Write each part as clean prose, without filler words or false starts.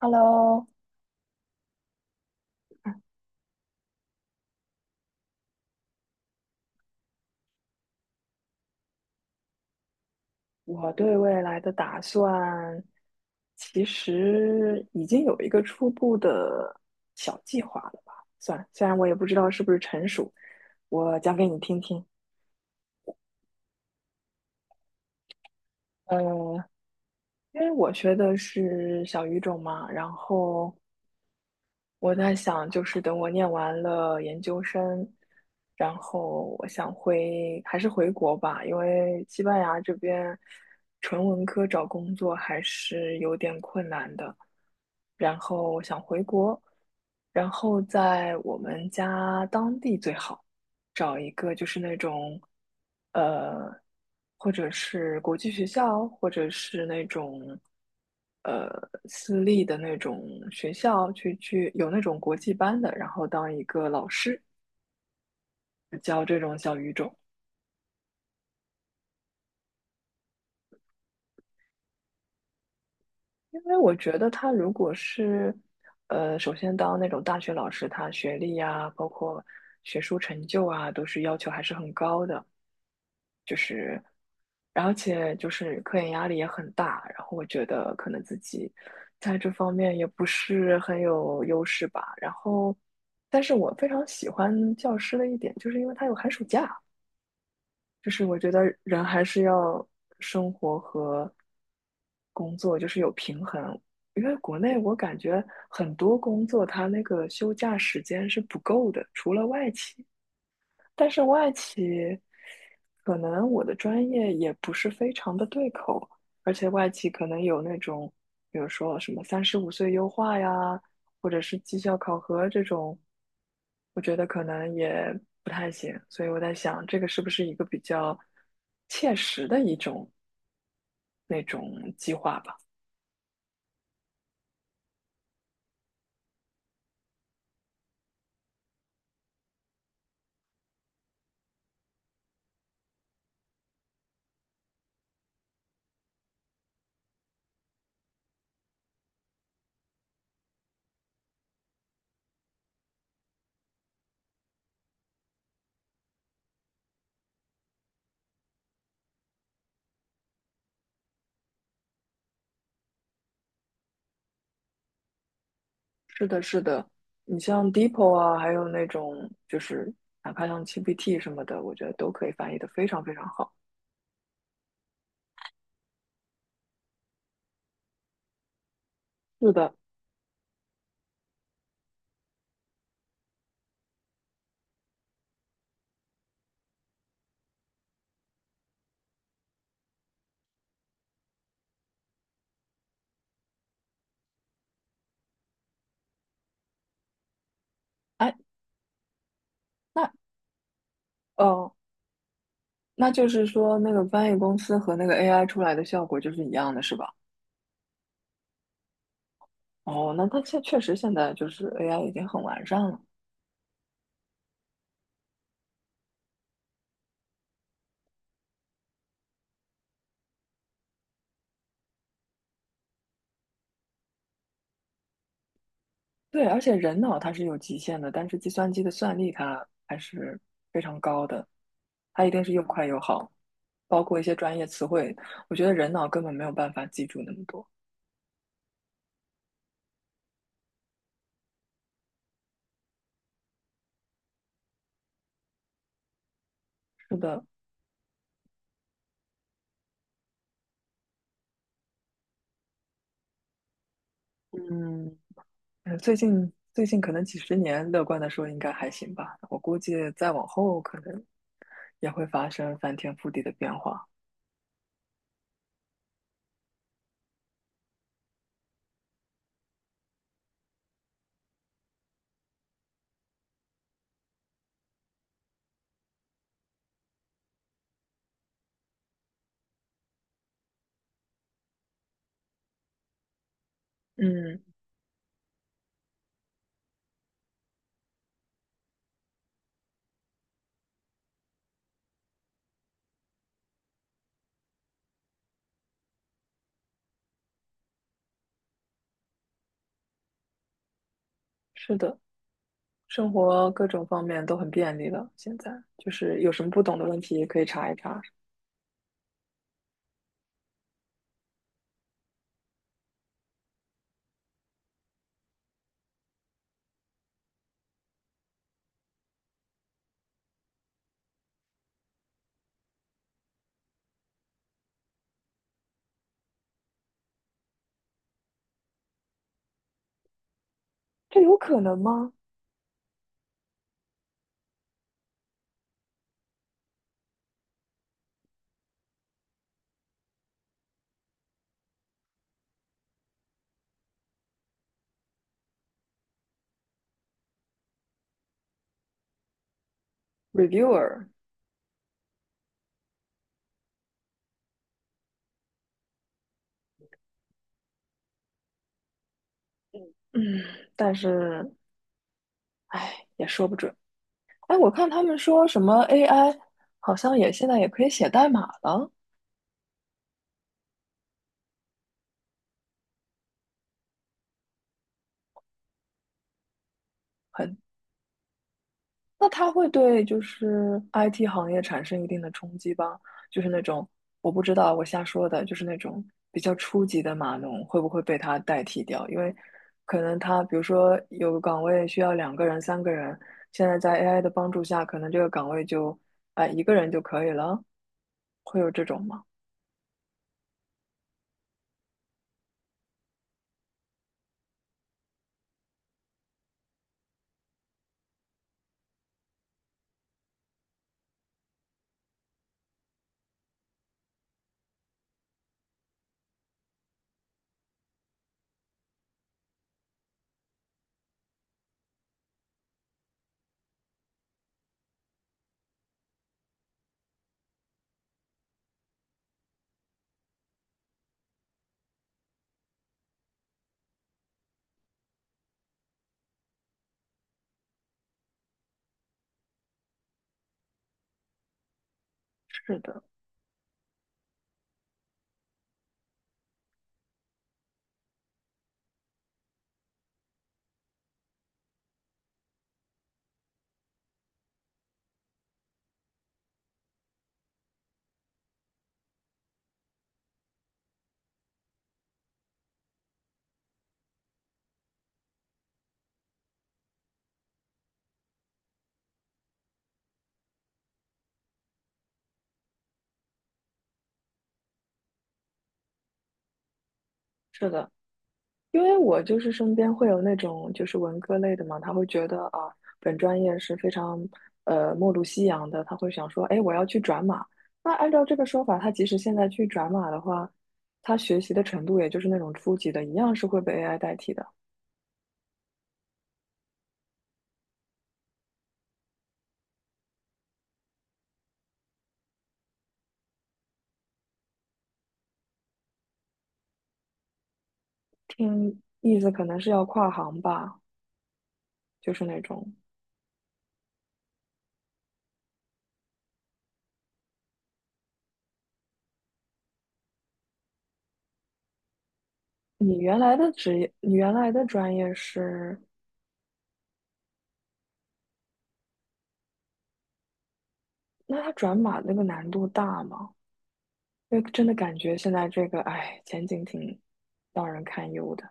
Hello,我对未来的打算其实已经有一个初步的小计划了吧？算，虽然我也不知道是不是成熟，我讲给你听听。呃，因为我学的是小语种嘛，然后我在想，就是等我念完了研究生，然后我想回，还是回国吧，因为西班牙这边纯文科找工作还是有点困难的。然后我想回国，然后在我们家当地最好。找一个就是那种，呃，或者是国际学校，或者是那种，呃，私立的那种学校去有那种国际班的，然后当一个老师教这种小语种。因为我觉得他如果是，首先当那种大学老师，他学历呀，包括学术成就啊，都是要求还是很高的。而且就是科研压力也很大，然后我觉得可能自己在这方面也不是很有优势吧。然后，但是我非常喜欢教师的一点，就是因为他有寒暑假，就是我觉得人还是要生活和工作就是有平衡。因为国内我感觉很多工作它那个休假时间是不够的，除了外企，但是外企可能我的专业也不是非常的对口，而且外企可能有那种，比如说什么35岁优化呀，或者是绩效考核这种，我觉得可能也不太行。所以我在想，这个是不是一个比较切实的一种那种计划吧？是的，是的，你像 DeepL 啊，还有那种就是哪怕像 GPT 什么的，我觉得都可以翻译的非常非常好。是的，哎，那哦，那就是说，那个翻译公司和那个 AI 出来的效果就是一样的，是吧？哦，那它确实现在就是 AI 已经很完善了。对，而且人脑它是有极限的，但是计算机的算力它还是非常高的，它一定是又快又好，包括一些专业词汇，我觉得人脑根本没有办法记住那么多。是的，嗯，嗯，最近可能几十年，乐观的说应该还行吧。我估计再往后可能也会发生翻天覆地的变化。嗯，是的，生活各种方面都很便利了。现在就是有什么不懂的问题可以查一查，这有可能吗？Reviewer，嗯，但是唉，也说不准。哎，我看他们说什么 AI 好像也现在也可以写代码了。很。那它会对就是 IT 行业产生一定的冲击吧？就是那种我不知道，我瞎说的，就是那种比较初级的码农会不会被它代替掉？因为可能它比如说有个岗位需要2个人、3个人，现在在 AI 的帮助下，可能这个岗位就哎一个人就可以了，会有这种吗？是的，是的，因为我就是身边会有那种就是文科类的嘛，他会觉得啊，本专业是非常末路夕阳的，他会想说，哎，我要去转码。那按照这个说法，他即使现在去转码的话，他学习的程度也就是那种初级的，一样是会被 AI 代替的。听意思可能是要跨行吧，就是那种你原来的职业，你原来的专业是，那他转码那个难度大吗？因为真的感觉现在这个，哎，前景挺让人堪忧的。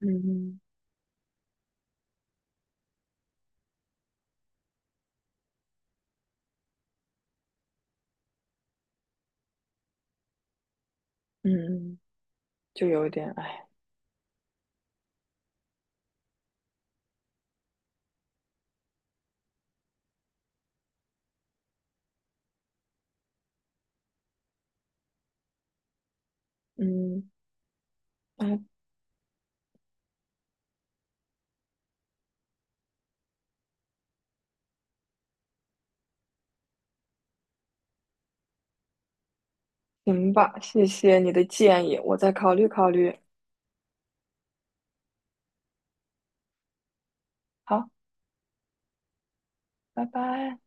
嗯嗯，就有点，哎，嗯，那行吧，谢谢你的建议，我再考虑考虑。好，拜拜。